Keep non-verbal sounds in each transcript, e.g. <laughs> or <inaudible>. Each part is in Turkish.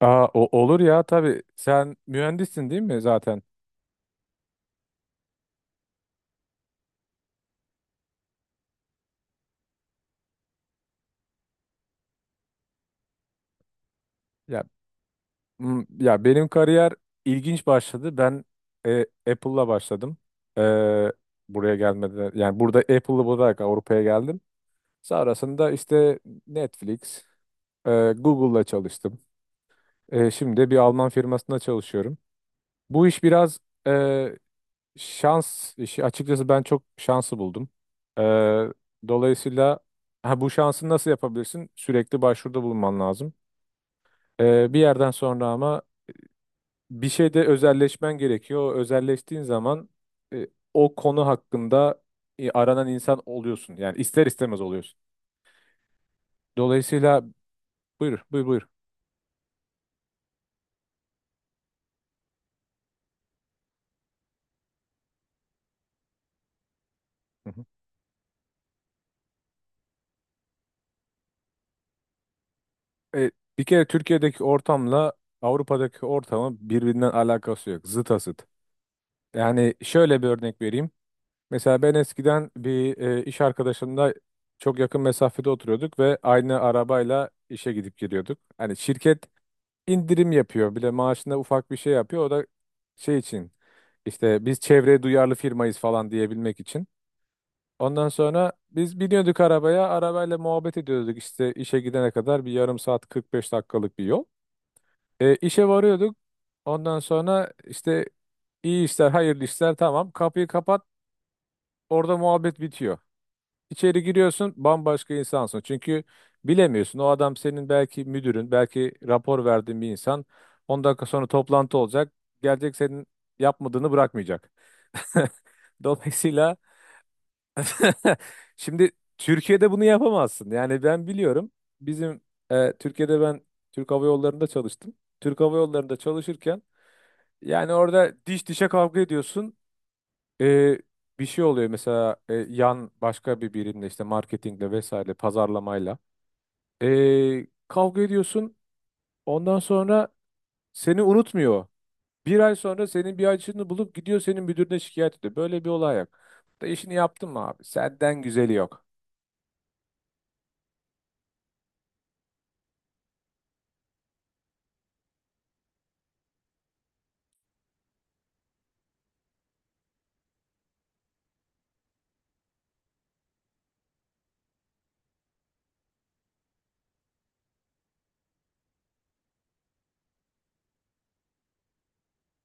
Aa, olur ya tabii. Sen mühendissin değil mi zaten? Ya ya benim kariyer ilginç başladı. Ben e, Apple'la başladım. E, Buraya gelmeden yani burada Apple'lı olarak Avrupa'ya geldim. Sonrasında işte Netflix, Google'la çalıştım. Şimdi de bir Alman firmasında çalışıyorum. Bu iş biraz e, şans işi. Açıkçası ben çok şansı buldum. E, Dolayısıyla ha, bu şansı nasıl yapabilirsin? Sürekli başvuruda bulunman lazım. Bir yerden sonra ama bir şeyde özelleşmen gerekiyor. O özelleştiğin zaman e, o konu hakkında aranan insan oluyorsun. Yani ister istemez oluyorsun. Dolayısıyla buyur, buyur, buyur. Hı hı. E, Bir kere Türkiye'deki ortamla Avrupa'daki ortamın birbirinden alakası yok. Zıt asıt. Yani şöyle bir örnek vereyim. Mesela ben eskiden bir iş arkadaşımla çok yakın mesafede oturuyorduk ve aynı arabayla işe gidip geliyorduk. Hani şirket indirim yapıyor. Bir de maaşında ufak bir şey yapıyor. O da şey için işte biz çevreye duyarlı firmayız falan diyebilmek için. Ondan sonra biz biniyorduk arabaya. Arabayla muhabbet ediyorduk işte işe gidene kadar bir yarım saat 45 dakikalık bir yol. İşe varıyorduk. Ondan sonra işte iyi işler, hayırlı işler tamam. Kapıyı kapat. Orada muhabbet bitiyor. İçeri giriyorsun bambaşka insansın. Çünkü bilemiyorsun o adam senin belki müdürün, belki rapor verdiğin bir insan. 10 dakika sonra toplantı olacak. Gelecek senin yapmadığını bırakmayacak. <laughs> Dolayısıyla <laughs> şimdi Türkiye'de bunu yapamazsın. Yani ben biliyorum bizim Türkiye'de ben Türk Hava Yolları'nda çalıştım. Türk Hava Yolları'nda çalışırken yani orada diş dişe kavga ediyorsun. E, Bir şey oluyor mesela yan başka bir birimle işte marketingle vesaire pazarlamayla. Kavga ediyorsun. Ondan sonra seni unutmuyor. Bir ay sonra senin bir açığını bulup gidiyor senin müdürüne şikayet ediyor. Böyle bir olay yok. Da işini yaptın mı abi? Senden güzeli yok.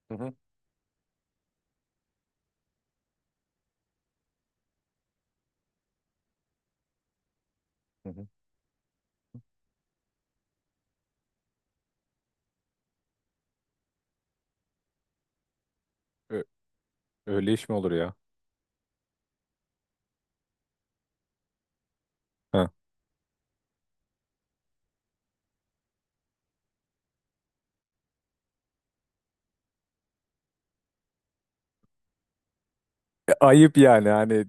Hı hı, hı hı. Ö- Öyle iş mi olur ya? Ha. Ayıp yani hani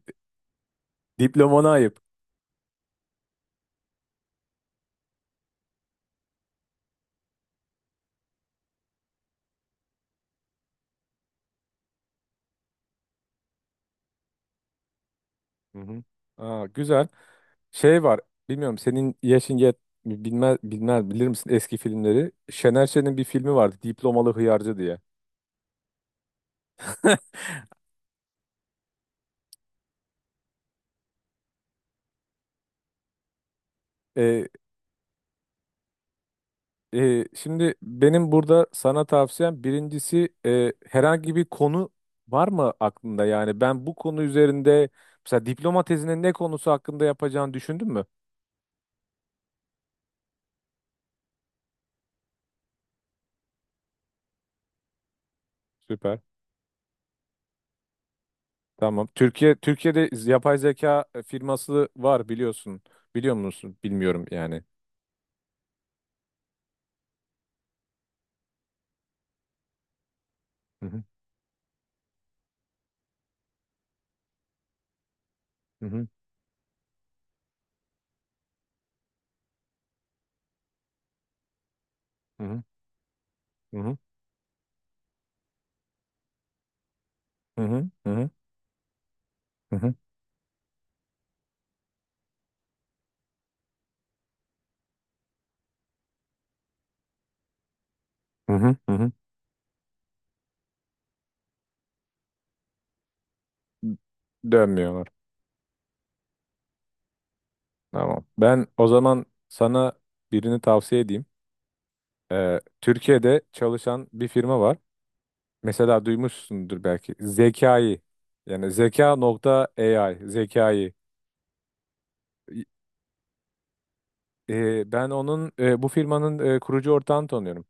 diplomana ayıp. Hı hı. Aa, güzel. Şey var. Bilmiyorum senin yaşın yet bilmez bilmez bilir misin eski filmleri? Şener Şen'in bir filmi vardı. Diplomalı Hıyarcı diye. E, Şimdi benim burada sana tavsiyem birincisi herhangi bir konu var mı aklında? Yani ben bu konu üzerinde mesela diploma tezinin ne konusu hakkında yapacağını düşündün mü? Süper. Tamam. Türkiye'de yapay zeka firması var biliyorsun. Biliyor musun? Bilmiyorum yani. Hı hı, hı hı, hı hı, hı hı, hı hı, hı hı, hı hı. Dönmüyorlar. Tamam. Ben o zaman sana birini tavsiye edeyim. Türkiye'de çalışan bir firma var. Mesela duymuşsundur belki. Zekayı. Yani zeka.ai. Zekayı. Ben onun bu firmanın kurucu ortağını tanıyorum.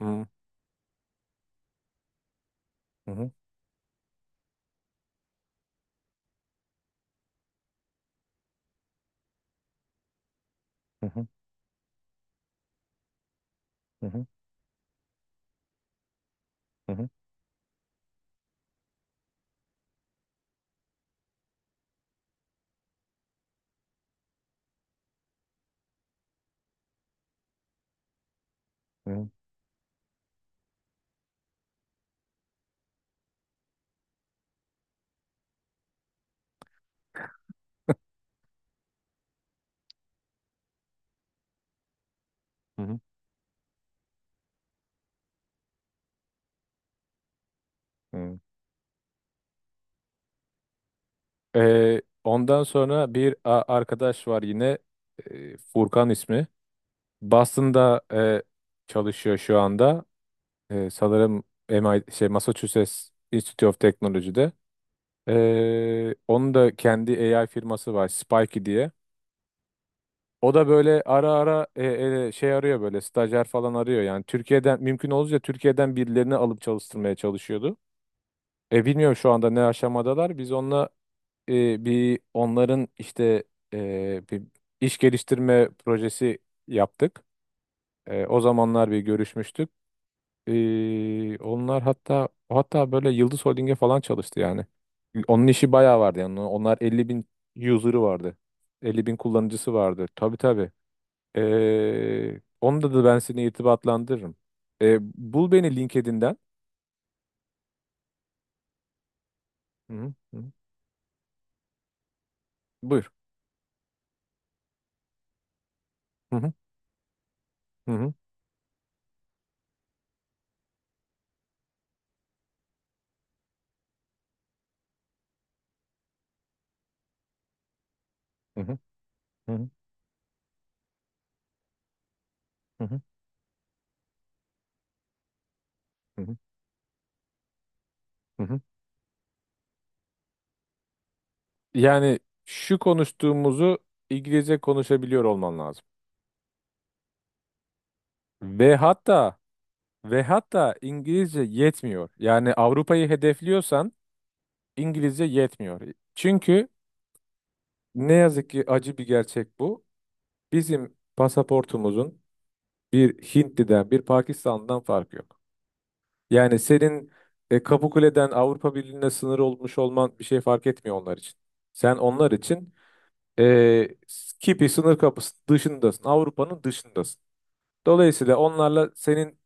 Hı hı, hı hı, hı hı, hı hı, hı hı. Ondan sonra bir arkadaş var yine, Furkan ismi. Boston'da çalışıyor şu anda. Sanırım MIT, şey, Massachusetts Institute of Technology'de. Onun da kendi AI firması var, Spikey diye. O da böyle ara ara şey arıyor böyle stajyer falan arıyor. Yani Türkiye'den mümkün olunca Türkiye'den birilerini alıp çalıştırmaya çalışıyordu. Bilmiyorum şu anda ne aşamadalar. Biz onunla bir onların işte bir iş geliştirme projesi yaptık. O zamanlar bir görüşmüştük. Onlar hatta böyle Yıldız Holding'e falan çalıştı yani. Onun işi bayağı vardı yani. Onlar 50.000 user'ı vardı. 50.000 kullanıcısı vardı. Tabii tabii. Onda da ben seni irtibatlandırırım. Bul beni LinkedIn'den. Hı hı, hı hı. Buyur. Hı hı, hı hı, hı hı, hı hı, hı hı, hı hı, hı hı. Yani şu konuştuğumuzu İngilizce konuşabiliyor olman lazım. Ve hatta ve hatta İngilizce yetmiyor. Yani Avrupa'yı hedefliyorsan İngilizce yetmiyor. Çünkü ne yazık ki acı bir gerçek bu. Bizim pasaportumuzun bir Hintli'den, bir Pakistan'dan farkı yok. Yani senin Kapıkule'den Avrupa Birliği'ne sınır olmuş olman bir şey fark etmiyor onlar için. Sen onlar için e, Kipi sınır kapısı dışındasın. Avrupa'nın dışındasın. Dolayısıyla onlarla senin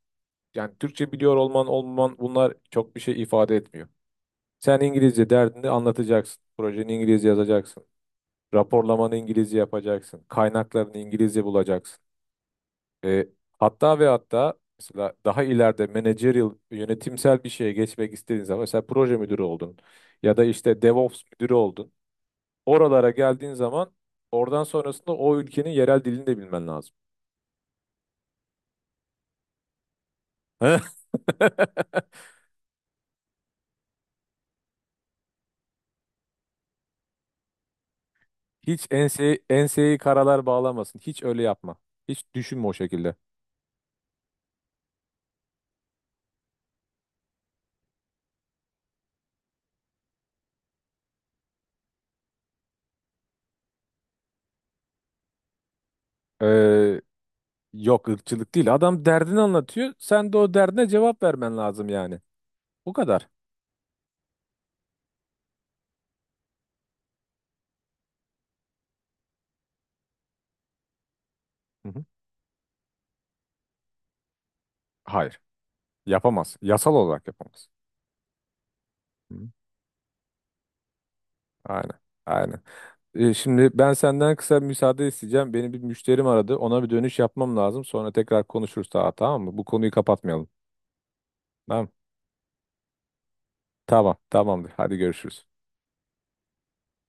yani Türkçe biliyor olman olmaman bunlar çok bir şey ifade etmiyor. Sen İngilizce derdini anlatacaksın. Projeni İngilizce yazacaksın. Raporlamanı İngilizce yapacaksın. Kaynaklarını İngilizce bulacaksın. E, Hatta ve hatta mesela daha ileride managerial yönetimsel bir şeye geçmek istediğin zaman mesela proje müdürü oldun ya da işte DevOps müdürü oldun. Oralara geldiğin zaman oradan sonrasında o ülkenin yerel dilini de bilmen lazım. <laughs> Hiç enseyi karalar bağlamasın. Hiç öyle yapma. Hiç düşünme o şekilde. Ee, Yok ırkçılık değil. Adam derdini anlatıyor. Sen de o derdine cevap vermen lazım yani. Bu kadar. Hı hı. Hayır. Yapamaz. Yasal olarak yapamaz. Hı. Aynen. Aynen. Şimdi ben senden kısa bir müsaade isteyeceğim. Beni bir müşterim aradı. Ona bir dönüş yapmam lazım. Sonra tekrar konuşuruz daha tamam mı? Bu konuyu kapatmayalım. Tamam. Tamam. Tamamdır. Hadi görüşürüz.